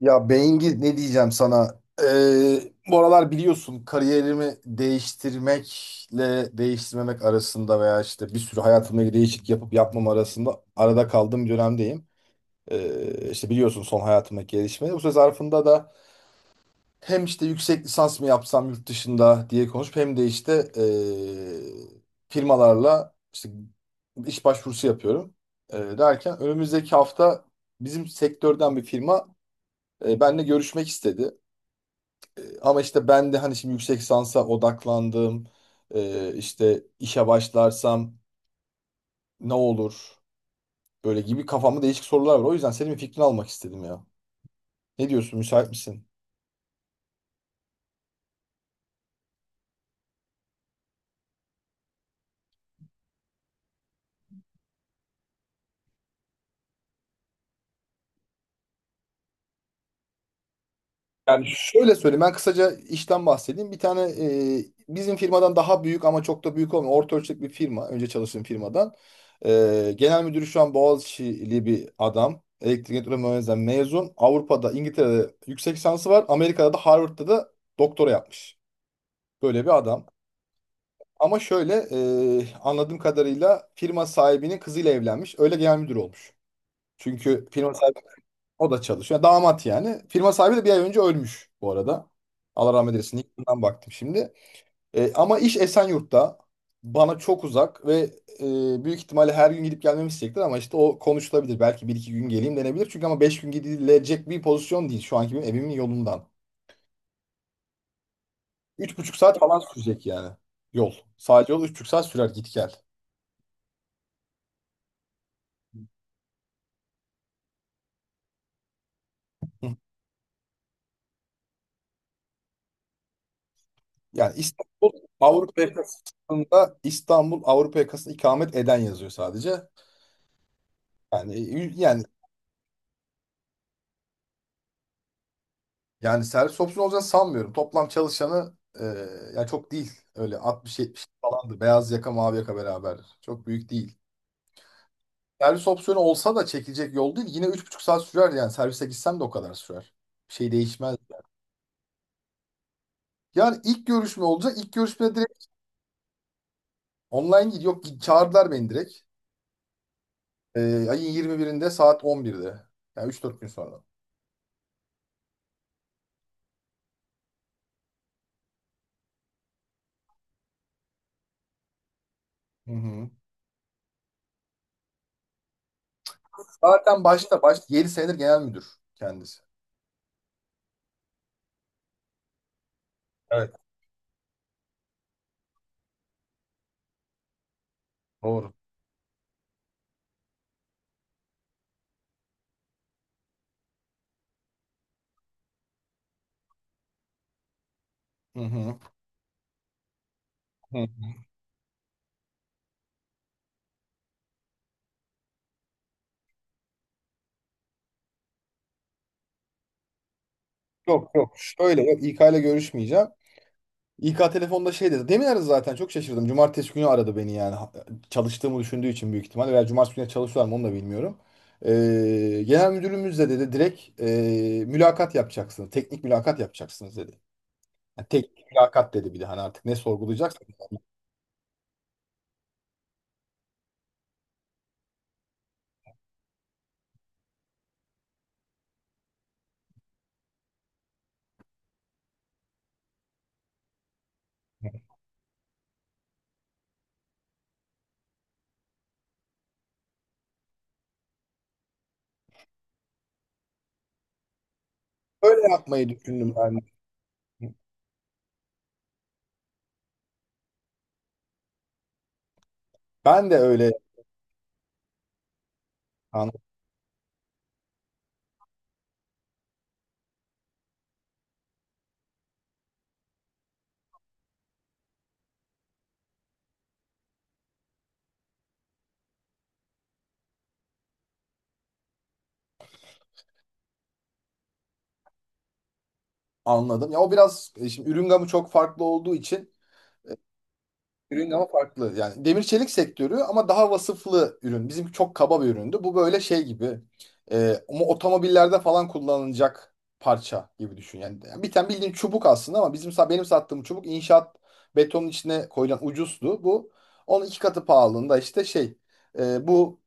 Ya Bengi ne diyeceğim sana? Bu aralar biliyorsun kariyerimi değiştirmekle değiştirmemek arasında veya işte bir sürü hayatımla ilgili değişiklik yapıp yapmam arasında arada kaldığım bir dönemdeyim. İşte biliyorsun son hayatımdaki gelişmeleri. Bu süre zarfında da hem işte yüksek lisans mı yapsam yurt dışında diye konuşup hem de işte firmalarla işte iş başvurusu yapıyorum. Derken önümüzdeki hafta bizim sektörden bir firma benimle görüşmek istedi. Ama işte ben de hani şimdi yüksek lisansa odaklandım. İşte işe başlarsam ne olur? Böyle gibi kafamda değişik sorular var. O yüzden senin bir fikrini almak istedim ya. Ne diyorsun? Müsait misin? Yani şöyle söyleyeyim. Ben kısaca işten bahsedeyim. Bir tane bizim firmadan daha büyük ama çok da büyük olmayan orta ölçekli bir firma. Önce çalıştığım firmadan. Genel müdürü şu an Boğaziçi'li bir adam. Elektrik elektronik mühendisliğinden mezun. Avrupa'da, İngiltere'de yüksek lisansı var. Amerika'da da Harvard'da da doktora yapmış. Böyle bir adam. Ama şöyle anladığım kadarıyla firma sahibinin kızıyla evlenmiş. Öyle genel müdür olmuş. Çünkü firma sahibi o da çalışıyor. Yani damat yani. Firma sahibi de bir ay önce ölmüş bu arada. Allah rahmet eylesin. Yıkımdan baktım şimdi. Ama iş Esenyurt'ta. Bana çok uzak ve büyük ihtimalle her gün gidip gelmemi isteyecektir ama işte o konuşulabilir. Belki bir iki gün geleyim denebilir. Çünkü ama beş gün gidilecek bir pozisyon değil şu anki benim evimin yolundan. Üç buçuk saat falan sürecek yani yol. Sadece yol üç buçuk saat sürer git gel. Yani İstanbul Avrupa yakasında İstanbul Avrupa yakasında ikamet eden yazıyor sadece. Yani yani yani, servis opsiyonu olacağını sanmıyorum. Toplam çalışanı e, yani çok değil. Öyle 60-70 falandı. Beyaz yaka mavi yaka beraber. Çok büyük değil. Servis opsiyonu olsa da çekilecek yol değil. Yine üç buçuk saat sürer yani. Servise gitsem de o kadar sürer. Bir şey değişmez. Yani ilk görüşme olacak. İlk görüşme direkt online değil. Yok, çağırdılar beni direkt. E, ayın 21'inde saat 11'de. Yani üç dört gün sonra. Hı hı. Zaten başta 7 senedir genel müdür kendisi. Evet. Doğru. Hı hı. Hı. Yok, yok, şöyle yok, İK ile görüşmeyeceğim. İK telefonda şey dedi. Demin aradı zaten, çok şaşırdım. Cumartesi günü aradı beni yani. Çalıştığımı düşündüğü için büyük ihtimalle, veya cumartesi günü çalışıyorlar mı onu da bilmiyorum. Genel müdürümüz de dedi direkt, mülakat yapacaksınız. Teknik mülakat yapacaksınız dedi. Yani teknik mülakat dedi, bir de hani artık ne sorgulayacaksak. Öyle yapmayı düşündüm ben. Ben de öyle anladım. Ya o biraz şimdi ürün gamı çok farklı olduğu için ürün gamı farklı. Yani demir çelik sektörü ama daha vasıflı ürün. Bizimki çok kaba bir üründü. Bu böyle şey gibi. Ama otomobillerde falan kullanılacak parça gibi düşün. Yani, bir tane bildiğin çubuk aslında ama benim sattığım çubuk inşaat betonun içine koyulan ucuzdu. Bu onun iki katı pahalılığında işte şey, bu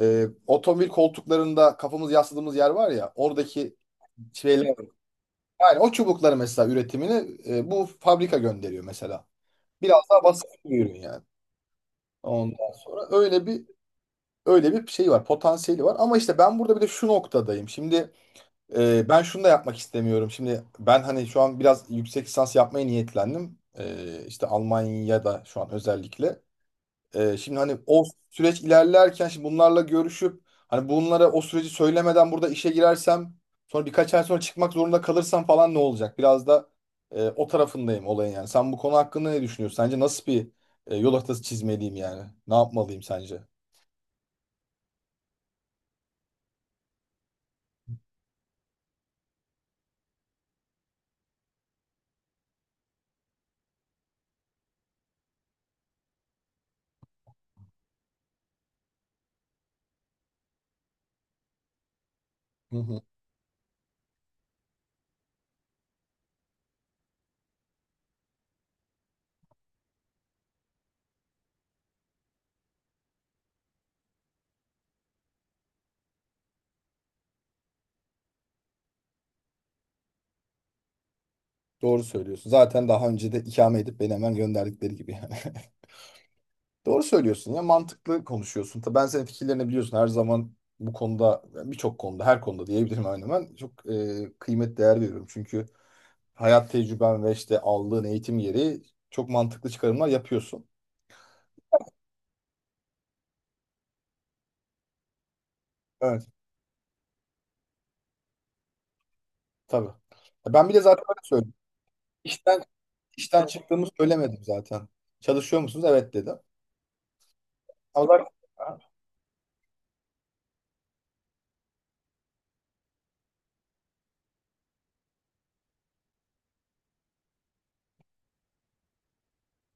otomobil koltuklarında kafamız yasladığımız yer var ya, oradaki şeyler. Yani o çubukları mesela üretimini bu fabrika gönderiyor mesela. Biraz daha basit bir ürün yani. Ondan sonra öyle bir şey var, potansiyeli var. Ama işte ben burada bir de şu noktadayım. Şimdi ben şunu da yapmak istemiyorum. Şimdi ben hani şu an biraz yüksek lisans yapmaya niyetlendim. E, işte Almanya'da şu an özellikle. Şimdi hani o süreç ilerlerken şimdi bunlarla görüşüp hani bunlara o süreci söylemeden burada işe girersem sonra birkaç ay sonra çıkmak zorunda kalırsam falan ne olacak? Biraz da o tarafındayım olayın yani. Sen bu konu hakkında ne düşünüyorsun? Sence nasıl bir yol haritası çizmeliyim yani? Ne yapmalıyım sence? Hı hı. Doğru söylüyorsun. Zaten daha önce de ikame edip beni hemen gönderdikleri gibi yani. Doğru söylüyorsun ya, mantıklı konuşuyorsun. Tabii ben senin fikirlerini biliyorsun, her zaman bu konuda, yani birçok konuda, her konuda diyebilirim, hemen hemen çok kıymet değer veriyorum. Çünkü hayat tecrüben ve işte aldığın eğitim gereği çok mantıklı çıkarımlar yapıyorsun. Evet, tabii. Ya ben bile zaten öyle söyledim. İşten, işten çıktığımı söylemedim zaten. Çalışıyor musunuz? Evet, dedim. Ama zaten- Ha,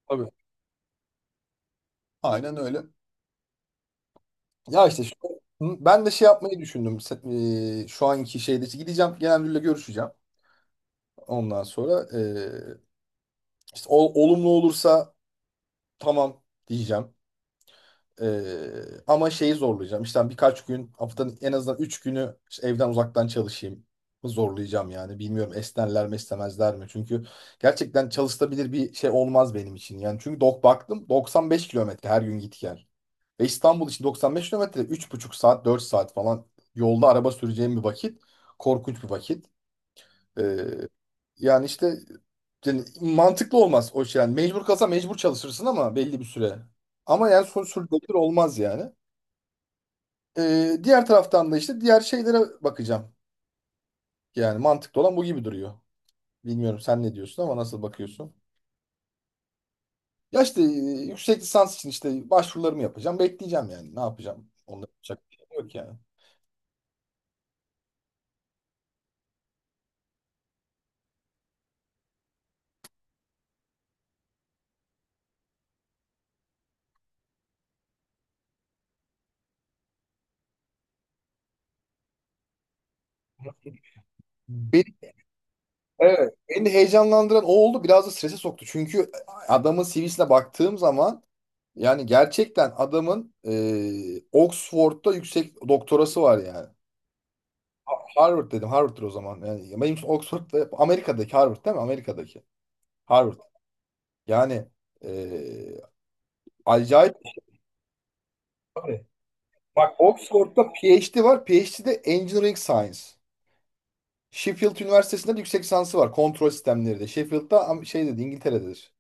tabii. Aynen öyle. Ya işte ben de şey yapmayı düşündüm. Şu anki şeyde gideceğim, genel müdürle görüşeceğim. Ondan sonra işte olumlu olursa tamam diyeceğim. Ama şeyi zorlayacağım. İşte hani birkaç gün, haftanın en azından 3 günü işte evden uzaktan çalışayım. Zorlayacağım yani. Bilmiyorum, esnerler mi istemezler mi? Çünkü gerçekten çalışılabilir bir şey olmaz benim için. Yani çünkü dok baktım, 95 kilometre her gün git gel. Ve İstanbul için 95 kilometre üç buçuk saat 4 saat falan yolda araba süreceğim bir vakit. Korkunç bir vakit. E, Yani işte yani mantıklı olmaz o şey. Yani mecbur kalsa mecbur çalışırsın ama belli bir süre. Ama yani son sürdürülebilir olmaz yani. Diğer taraftan da işte diğer şeylere bakacağım. Yani mantıklı olan bu gibi duruyor. Bilmiyorum, sen ne diyorsun ama nasıl bakıyorsun? Ya işte yüksek lisans için işte başvurularımı yapacağım. Bekleyeceğim yani. Ne yapacağım? Onları yapacak bir şey yok yani. Beni, evet, beni heyecanlandıran o oldu. Biraz da strese soktu. Çünkü adamın CV'sine baktığım zaman, yani gerçekten adamın Oxford'da yüksek doktorası var yani. Harvard dedim. Harvard'dır o zaman. Yani benim için Oxford'da Amerika'daki Harvard değil mi? Amerika'daki Harvard. Yani e, acayip. Tabii. Bak, Oxford'da PhD var. PhD'de Engineering Science. Sheffield Üniversitesi'nde de yüksek lisansı var. Kontrol sistemleri de. Sheffield'da am- şey dedi, İngiltere'dedir.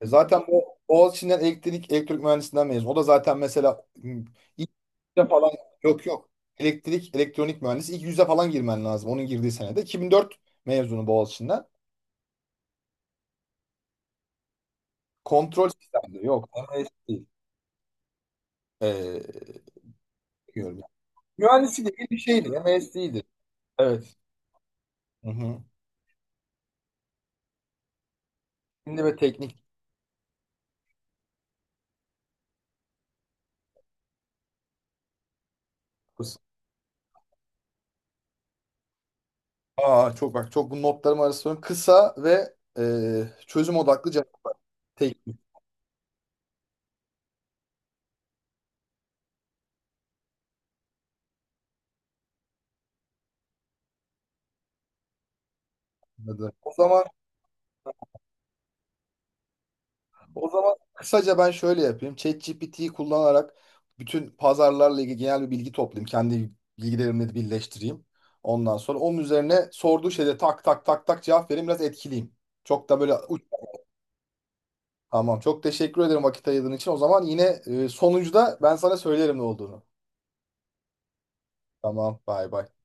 E zaten bu Boğaziçi'nden elektrik elektrik mühendisinden mezun. O da zaten mesela ilk yüze falan, yok yok. Elektrik elektronik mühendisi ilk yüze falan girmen lazım. Onun girdiği senede 2004 mezunu Boğaziçi'nden. Kontrol sistemleri yok. MSD değil. Ee, diyorum. Yani. Mühendislik değil bir şeydi. MSD'ydi. Evet. Hı hı. Şimdi ve teknik kısım. Aa çok bak, çok, bu notlarım arasında kısa ve çözüm odaklı cevap teknik. O zaman O zaman kısaca ben şöyle yapayım. ChatGPT'yi kullanarak bütün pazarlarla ilgili genel bir bilgi toplayayım. Kendi bilgilerimle birleştireyim. Ondan sonra onun üzerine sorduğu şeyde tak tak tak tak cevap vereyim. Biraz etkileyim. Çok da böyle uç- Tamam. Çok teşekkür ederim vakit ayırdığın için. O zaman yine sonucu ben sana söylerim ne olduğunu. Tamam. Bay bay.